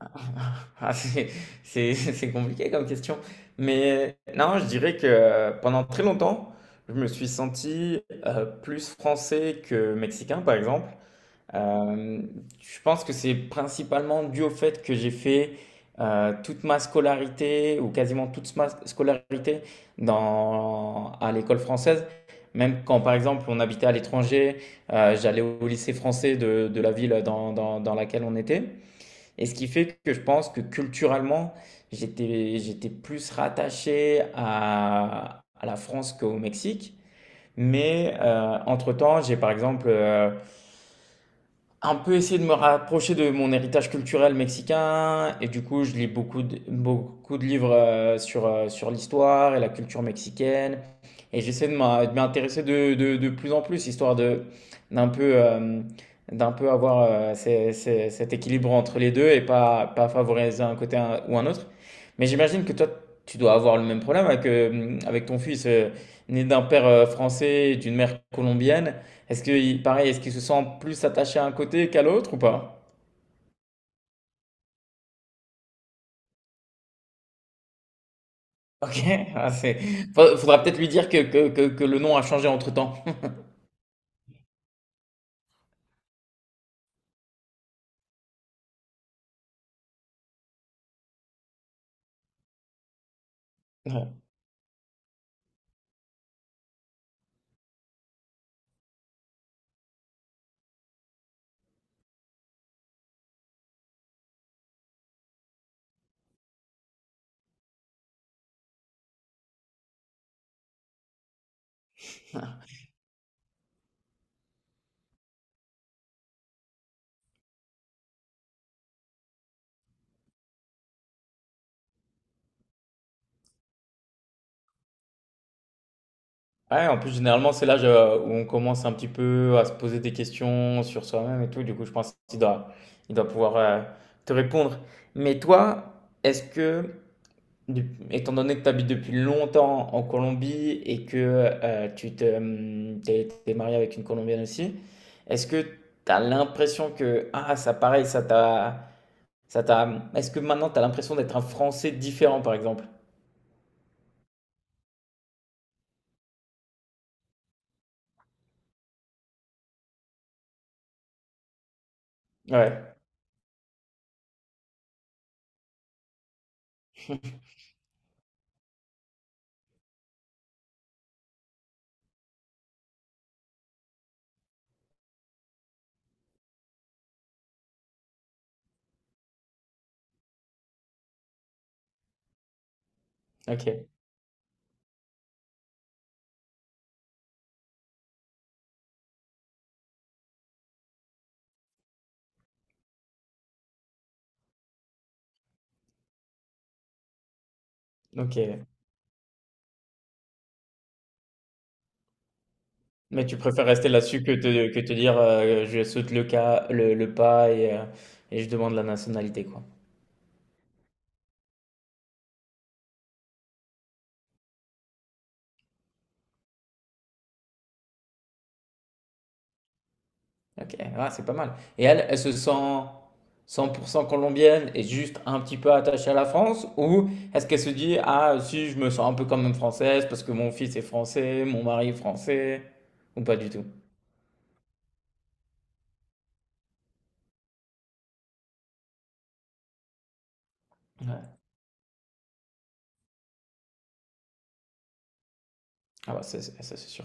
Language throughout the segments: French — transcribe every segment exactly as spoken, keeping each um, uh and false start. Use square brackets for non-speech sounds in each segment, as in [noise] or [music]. [laughs] Ah, c'est c'est c'est compliqué comme question. Mais non, je dirais que euh, pendant très longtemps, je me suis senti euh, plus français que mexicain, par exemple. Euh, je pense que c'est principalement dû au fait que j'ai fait euh, toute ma scolarité, ou quasiment toute ma scolarité, dans, à l'école française. Même quand, par exemple, on habitait à l'étranger, euh, j'allais au lycée français de, de la ville dans, dans, dans laquelle on était. Et ce qui fait que je pense que culturellement, j'étais, j'étais plus rattaché à, à la France qu'au Mexique. Mais euh, entre-temps, j'ai par exemple euh, un peu essayer de me rapprocher de mon héritage culturel mexicain. Et du coup, je lis beaucoup de, beaucoup de livres euh, sur, euh, sur l'histoire et la culture mexicaine. Et j'essaie de m'in- de m'y de, de, de plus en plus, histoire de, d'un peu, euh, d'un peu avoir euh, ces- ces- cet équilibre entre les deux et pas, pas favoriser un côté un- ou un autre. Mais j'imagine que toi, tu dois avoir le même problème avec, euh, avec ton fils, euh, né d'un père euh, français et d'une mère colombienne. Est-ce que, pareil, est-ce qu'il se sent plus attaché à un côté qu'à l'autre ou pas? OK, [laughs] ah, c'est fa faudra peut-être lui dire que que que que le nom a changé entre-temps. [laughs] Ouais, ouais, en plus, généralement, c'est l'âge, heu, où on commence un petit peu à se poser des questions sur soi-même et tout. Du coup, je pense qu'il doit il doit pouvoir, heu, te répondre. Mais toi, est-ce que Du- Étant donné que tu habites depuis longtemps en Colombie et que euh, tu te, hum, t'es, t'es marié avec une Colombienne aussi, est-ce que tu as l'impression que, ah, ça pareil, ça t'a, ça t'a, est-ce que maintenant tu as l'impression d'être un Français différent, par exemple? Ouais, ok, ok. Mais tu préfères rester là-dessus que te, que te dire, euh, je saute le cas, le, le pas et, euh, et je demande la nationalité, quoi. Ok, ah, c'est pas mal. Et elle, elle se sent cent pour cent colombienne et juste un petit peu attachée à la France? Ou est-ce qu'elle se dit, ah, si, je me sens un peu quand même française parce que mon fils est français, mon mari est français? Ou pas du tout? Ouais. Ah, bah, ça, c'est ça, c'est sûr.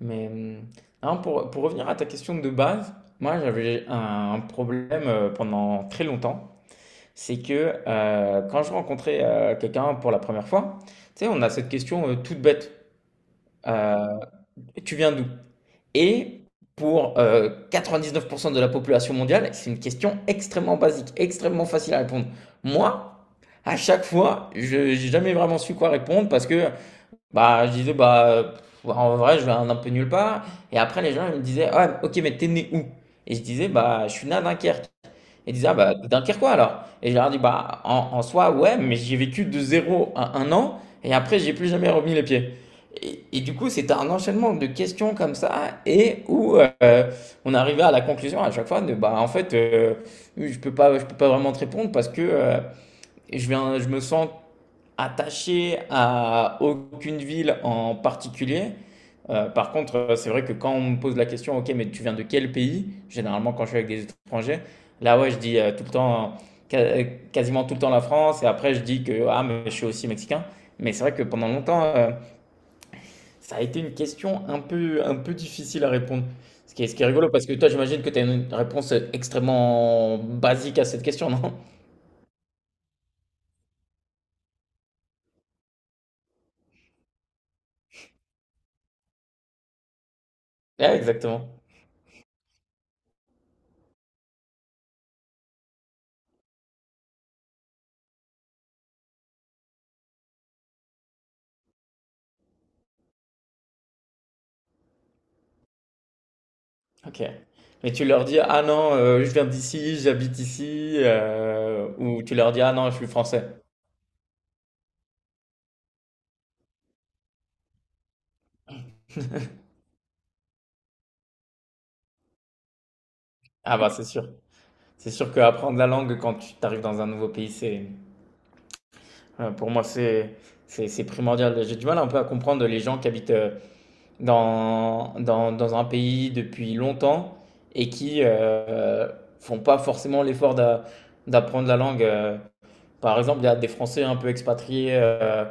Mais hum, non, pour, pour revenir à ta question de base, moi, j'avais un problème euh, pendant très longtemps. C'est que euh, quand je rencontrais euh, quelqu'un pour la première fois, tu sais, on a cette question euh, toute bête. Euh, tu viens d'où? Et pour euh, quatre-vingt-dix-neuf pour cent de la population mondiale, c'est une question extrêmement basique, extrêmement facile à répondre. Moi, à chaque fois, je n'ai jamais vraiment su quoi répondre parce que bah, je disais, bah, en vrai, je vais un, un peu nulle part. Et après, les gens ils me disaient, ah, ok, mais t'es né où? Et je disais, bah, je suis né à Dunkerque. Ils disaient, ah bah, Dunkerquois alors. Et je leur ai dit bah, en, en soi, ouais, mais j'ai vécu de zéro à 1 an, et après, j'ai plus jamais remis les pieds. Et, et du coup, c'était un enchaînement de questions comme ça, et où euh, on arrivait à la conclusion à chaque fois de, bah, en fait, euh, je peux pas, je peux pas vraiment te répondre parce que euh, je viens, je me sens attaché à aucune ville en particulier. Euh, par contre, euh, c'est vrai que quand on me pose la question, ok, mais tu viens de quel pays? Généralement, quand je suis avec des étrangers, là, ouais, je dis euh, tout le temps, euh, ca- quasiment tout le temps la France, et après, je dis que ah, mais je suis aussi mexicain. Mais c'est vrai que pendant longtemps, euh, ça a été une question un peu, un peu difficile à répondre. Ce qui est, ce qui est rigolo, parce que toi, j'imagine que tu as une réponse extrêmement basique à cette question, non? [laughs] Ouais, exactement. Ok. Mais tu leur dis, ah non, euh, je viens d'ici, j'habite ici, euh, ou tu leur dis, ah non, je suis français. Ah bah c'est sûr. C'est sûr qu'apprendre la langue quand tu arrives dans un nouveau pays, c'est, euh, pour moi, c'est, c'est, c'est primordial. J'ai du mal un peu à comprendre les gens qui habitent euh, dans, dans, dans un pays depuis longtemps et qui euh, font pas forcément l'effort d'a- d'apprendre la langue. euh. Par exemple, il y a des Français un peu expatriés euh,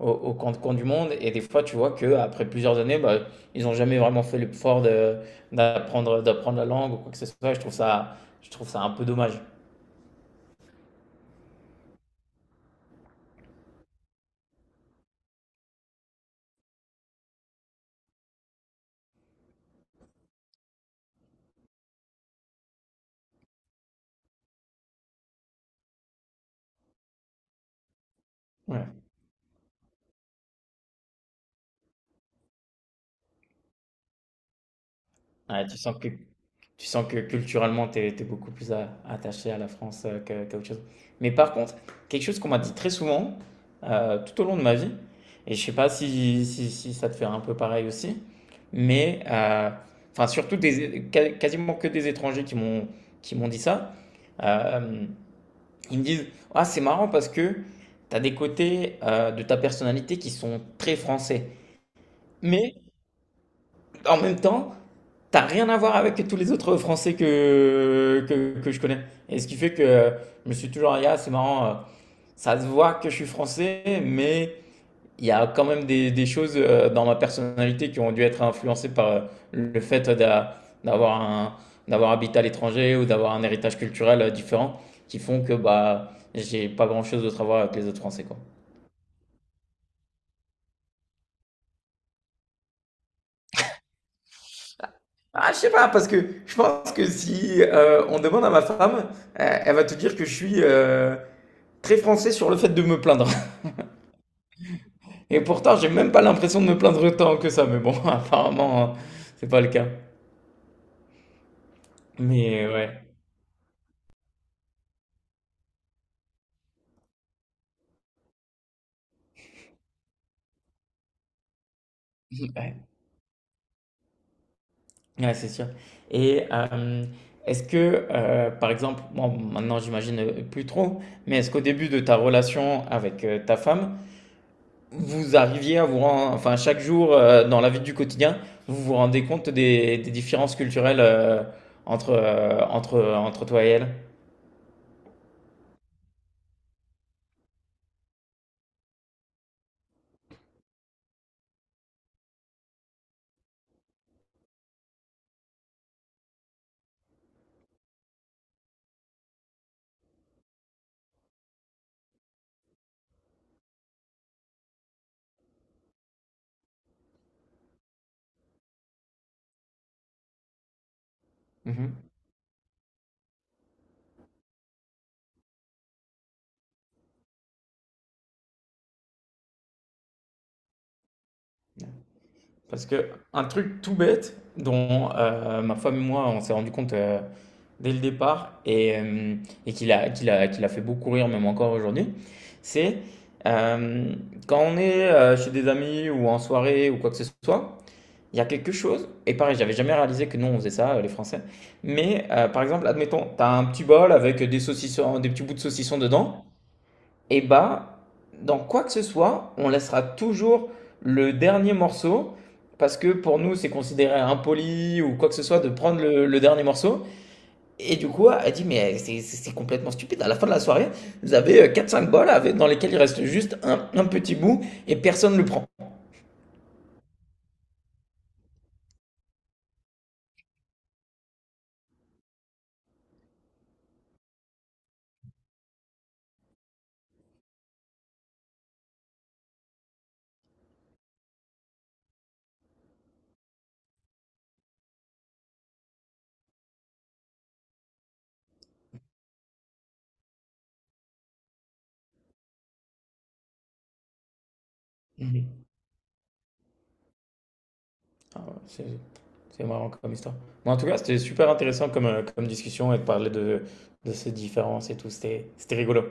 au, au camp de coin du monde, et des fois, tu vois qu'après plusieurs années, bah, ils n'ont jamais vraiment fait l'effort de- d'apprendre, d'apprendre la langue ou quoi que ce soit. Je trouve ça, je trouve ça un peu dommage. Ouais. Ouais, tu sens que Tu sens que culturellement, tu es, beaucoup plus a- attaché à la France euh, que- qu'à autre chose. Mais par contre, quelque chose qu'on m'a dit très souvent euh, tout au long de ma vie, et je sais pas si, si, si ça te fait un peu pareil aussi, mais euh, enfin surtout des, quas- quasiment que des étrangers qui m'ont qui m'ont dit ça. Euh, ils me disent, ah c'est marrant parce que tu as des côtés euh, de ta personnalité qui sont très français. Mais en même temps, t'as rien à voir avec tous les autres Français que, que, que je connais. Et ce qui fait que euh, je me suis toujours dit, ah, c'est marrant, euh, ça se voit que je suis Français, mais il y a quand même des, des choses euh, dans ma personnalité qui ont dû être influencées par euh, le fait d'a- d'avoir un, d'avoir habité à l'étranger ou d'avoir un héritage culturel euh, différent qui font que bah, j'ai pas grand-chose d'autre à voir avec les autres Français, quoi. Ah, je sais pas, parce que je pense que si euh, on demande à ma femme, euh, elle va te dire que je suis euh, très français sur le fait de me plaindre. Et pourtant, j'ai même pas l'impression de me plaindre tant que ça, mais bon, [laughs] apparemment, euh, c'est pas le cas. Mais ouais, ouais, [laughs] ouais, c'est sûr. Et euh, est-ce que, euh, par exemple, bon, maintenant j'imagine euh, plus trop, mais est-ce qu'au début de ta relation avec euh, ta femme, vous arriviez à vous rendre, enfin chaque jour euh, dans la vie du quotidien, vous vous rendez compte des, des différences culturelles euh, entre, euh, entre, entre toi et elle? Mhm. Parce que un truc tout bête dont euh, ma femme et moi on s'est rendu compte euh, dès le départ et, euh, et qu'il a, qu'il a, qu'il a fait beaucoup rire même encore aujourd'hui, c'est euh, quand on est euh, chez des amis ou en soirée ou quoi que ce soit, il y a quelque chose, et pareil, j'avais jamais réalisé que nous on faisait ça, euh, les Français, mais euh, par exemple, admettons, t'as un petit bol avec des saucissons, des petits bouts de saucisson dedans, et bah, dans quoi que ce soit, on laissera toujours le dernier morceau parce que pour nous, c'est considéré impoli ou quoi que ce soit de prendre le, le dernier morceau. Et du coup, elle dit, mais c'est- c'est complètement stupide. À la fin de la soirée, vous avez euh, quatre cinq bols avec, dans lesquels il reste juste un, un petit bout et personne ne le prend. Mhm. Ah ouais, C'est c'est marrant comme histoire. Mais en tout cas, c'était super intéressant comme, euh, comme discussion et de parler de, de ces différences et tout. C'était c'était rigolo.